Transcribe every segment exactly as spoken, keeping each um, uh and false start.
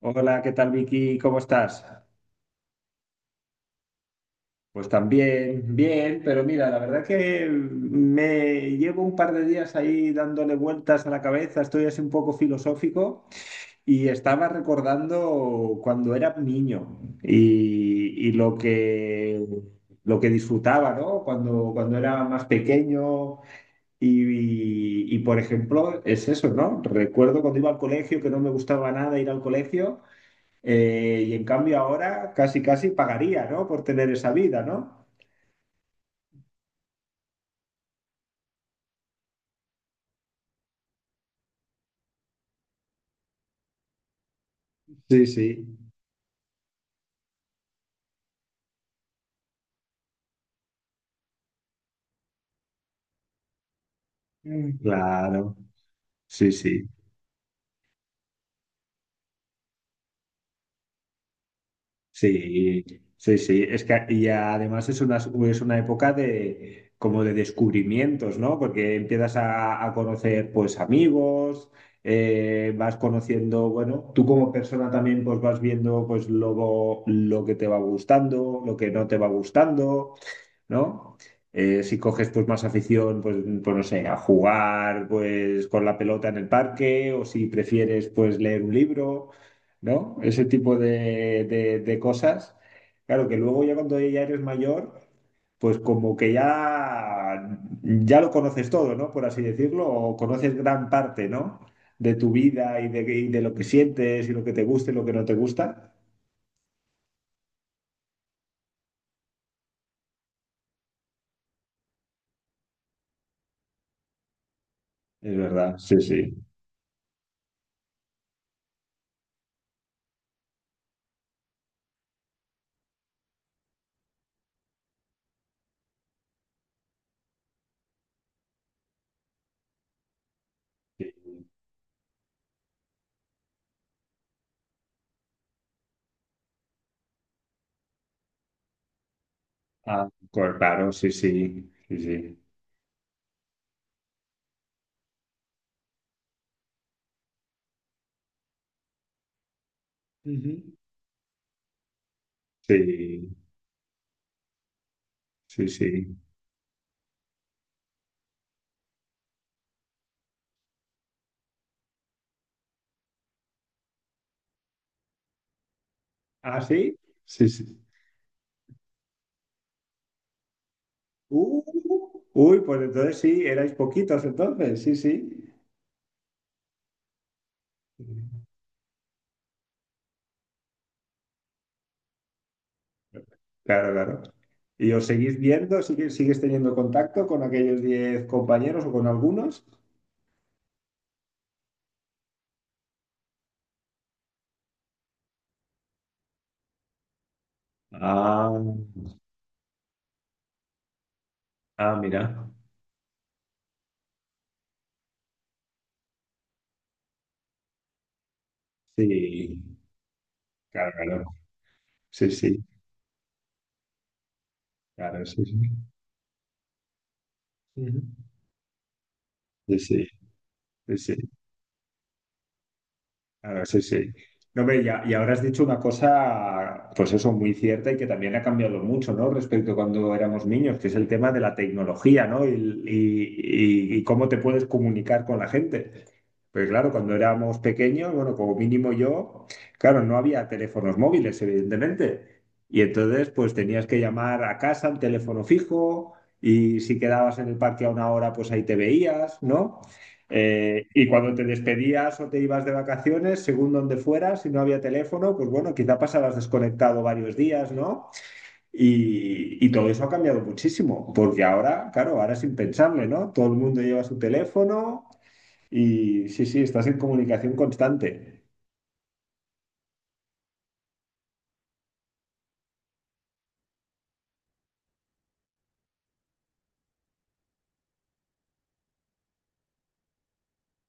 Hola, ¿qué tal, Vicky? ¿Cómo estás? Pues también, bien, pero mira, la verdad que me llevo un par de días ahí dándole vueltas a la cabeza, estoy así un poco filosófico y estaba recordando cuando era niño y, y lo que, lo que disfrutaba, ¿no? Cuando, cuando era más pequeño y, y, por ejemplo, es eso, ¿no? Recuerdo cuando iba al colegio que no me gustaba nada ir al colegio. Eh, y en cambio ahora casi casi pagaría, ¿no? Por tener esa vida, ¿no? Sí, sí. Mm. Claro, sí, sí, sí, sí, sí. Es que y además es una, es una época de como de descubrimientos, ¿no? Porque empiezas a, a conocer pues amigos, eh, vas conociendo, bueno, tú como persona también pues vas viendo pues lo, lo que te va gustando, lo que no te va gustando. ¿No? Eh, si coges pues más afición, pues, pues no sé, a jugar pues con la pelota en el parque o si prefieres pues leer un libro, ¿no? Ese tipo de, de- de cosas. Claro que luego ya cuando ya eres mayor, pues como que ya, ya lo conoces todo, ¿no? Por así decirlo, o conoces gran parte, ¿no? De tu vida y de, y de lo que sientes y lo que te gusta y lo que no te gusta. Es verdad, sí, sí. Ah, pues, claro, sí, sí, sí, sí. Ujú. Sí, sí, sí. ¿Ah, sí? Sí, sí. Uh, uy, pues entonces sí, erais poquitos entonces, sí, sí. Claro, claro. ¿Y os seguís viendo? ¿Sigues, sigues teniendo contacto con aquellos diez compañeros o con algunos? Ah, ah, mira. Sí, claro, claro, sí, sí. Claro, sí, sí. Ujú. Sí, sí, sí, sí. Claro, sí, sí. No, hombre, y, a- y ahora has dicho una cosa, pues eso, muy cierta y que también ha cambiado mucho, ¿no? Respecto a cuando éramos niños, que es el tema de la tecnología, ¿no? Y, y- y- y cómo te puedes comunicar con la gente. Pues claro, cuando éramos pequeños, bueno, como mínimo yo, claro, no había teléfonos móviles, evidentemente. Y entonces, pues tenías que llamar a casa al teléfono fijo y si quedabas en el parque a una hora, pues ahí te veías, ¿no? Eh, y cuando te despedías o te ibas de vacaciones, según donde fueras, si no había teléfono, pues bueno, quizá pasabas desconectado varios días, ¿no? Y, y todo eso ha cambiado muchísimo, porque ahora, claro, ahora es impensable, ¿no? Todo el mundo lleva su teléfono y sí, sí, estás en comunicación constante.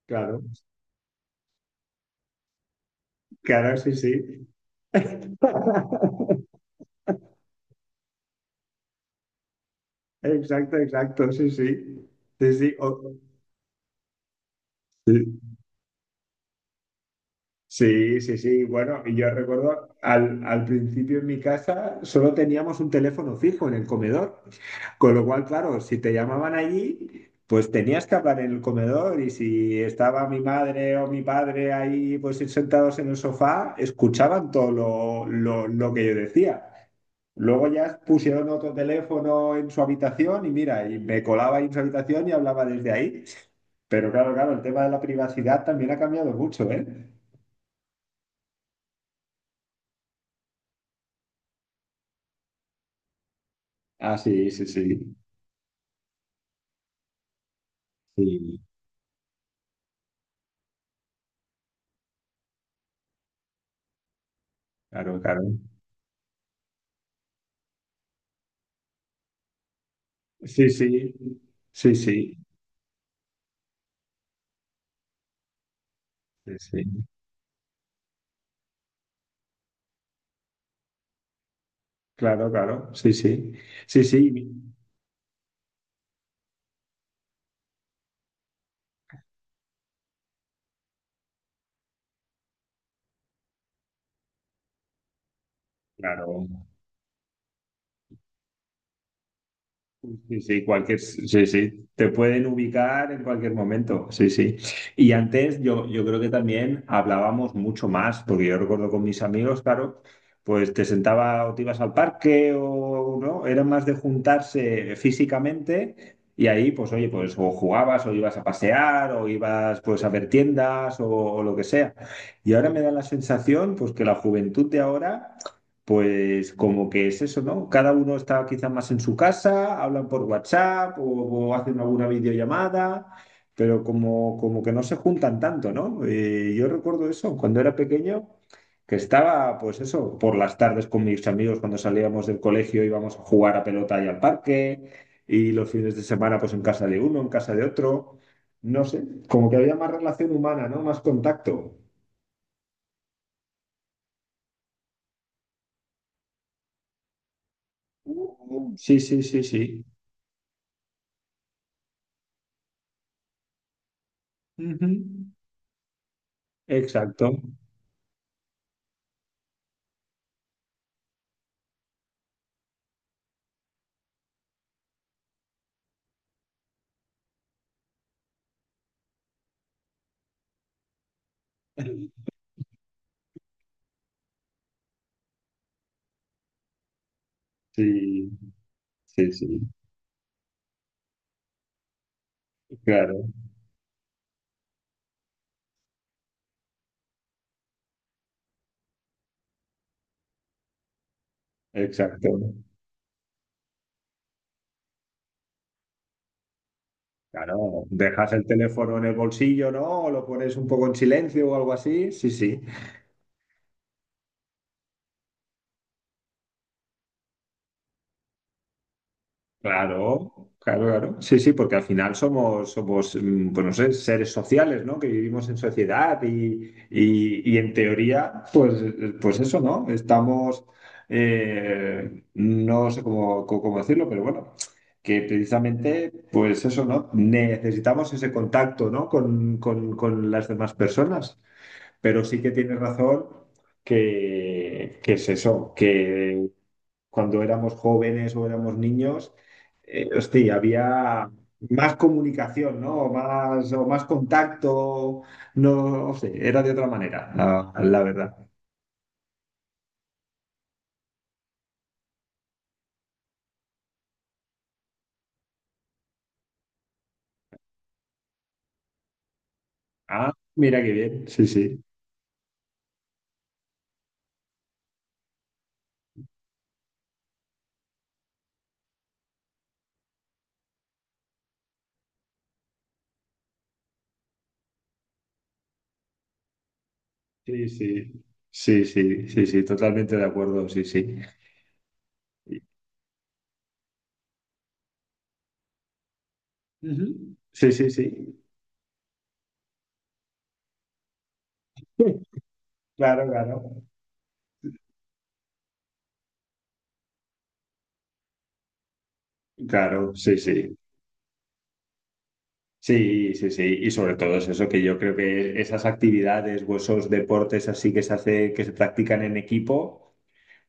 Claro, claro, sí, sí. Exacto, exacto, sí, sí. Sí, sí. O, sí. Sí, sí, sí. Bueno, y yo recuerdo al, al principio en mi casa solo teníamos un teléfono fijo en el comedor, con lo cual, claro, si te llamaban allí, pues tenías que hablar en el comedor y si estaba mi madre o mi padre ahí, pues sentados en el sofá, escuchaban todo lo, lo, lo que yo decía. Luego ya pusieron otro teléfono en su habitación y mira, y me colaba ahí en su habitación y hablaba desde ahí. Pero claro, claro, el tema de la privacidad también ha cambiado mucho, ¿eh? Ah, sí, sí, sí. Sí, claro, claro. Sí, sí, sí, sí, sí, sí. Claro, claro, sí, sí. Sí, sí, claro. Sí, sí, cualquier, sí, sí, te pueden ubicar en cualquier momento, sí, sí. Y antes yo, yo creo que también hablábamos mucho más, porque yo recuerdo con mis amigos, claro, pues te sentaba o te ibas al parque o no, era más de juntarse físicamente y ahí, pues oye, pues o jugabas o ibas a pasear o ibas pues a ver tiendas o, o lo que sea. Y ahora me da la sensación, pues que la juventud de ahora pues como que es eso, ¿no? Cada uno está quizás más en su casa, hablan por WhatsApp o, o hacen alguna videollamada, pero como, como que no se juntan tanto, ¿no? Eh, yo recuerdo eso cuando era pequeño, que estaba, pues eso, por las tardes con mis amigos cuando salíamos del colegio íbamos a jugar a pelota y al parque, y los fines de semana pues en casa de uno, en casa de otro, no sé, como que había más relación humana, ¿no? Más contacto. Uh, sí, sí, sí, sí. Ujú. Exacto. Sí, sí, sí, claro, exacto. Claro, dejas el teléfono en el bolsillo, ¿no? O lo pones un poco en silencio o algo así. Sí, sí. Claro, claro, claro. Sí, sí, porque al final somos, somos, mm, pues no sé, seres sociales, ¿no? Que vivimos en sociedad y, y- y en teoría, pues, eh, pues eso, ¿no? Estamos, eh, no sé cómo, cómo- cómo decirlo, pero bueno, que precisamente, pues eso, ¿no? Necesitamos ese contacto, ¿no? Con, con- con las demás personas, pero sí que tienes razón que, que es eso, que cuando éramos jóvenes o éramos niños, eh, hostia, había más comunicación, ¿no? O más, o más contacto, no, no sé, era de otra manera, la, la verdad. Ah, mira qué bien, sí, sí, sí, sí, sí, sí, sí, sí, totalmente de acuerdo, sí, sí. Ujú. Sí, sí, sí. Sí, claro, claro. Claro, sí, sí. Sí, sí, sí. Y sobre todo es eso, que yo creo que esas actividades o esos deportes así que se hace, que se practican en equipo,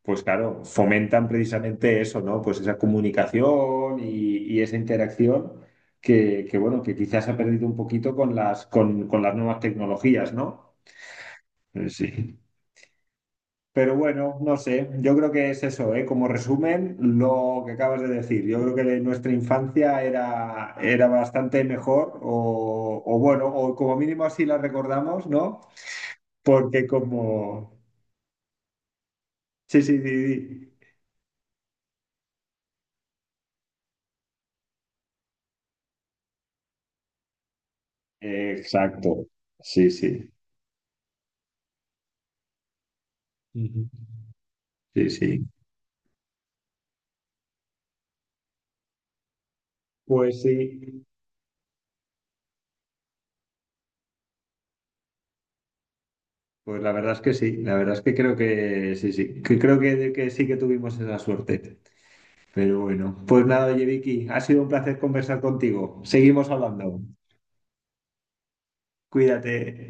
pues claro, fomentan precisamente eso, ¿no? Pues esa comunicación y, y esa interacción que, que, bueno, que quizás se ha perdido un poquito con las, con, con las nuevas tecnologías, ¿no? Eh, sí. Pero bueno, no sé, yo creo que es eso, ¿eh? Como resumen, lo que acabas de decir, yo creo que de nuestra infancia era, era bastante mejor o, o bueno, o como mínimo así la recordamos, ¿no? Porque como... Sí, sí, sí, sí. Exacto, sí, sí. Ujú. Sí, sí. Pues sí, pues la verdad es que sí, la verdad es que creo que sí, sí, que creo que, que sí que tuvimos esa suerte. Pero bueno, pues nada, oye, Vicky, ha sido un placer conversar contigo. Seguimos hablando. Cuídate.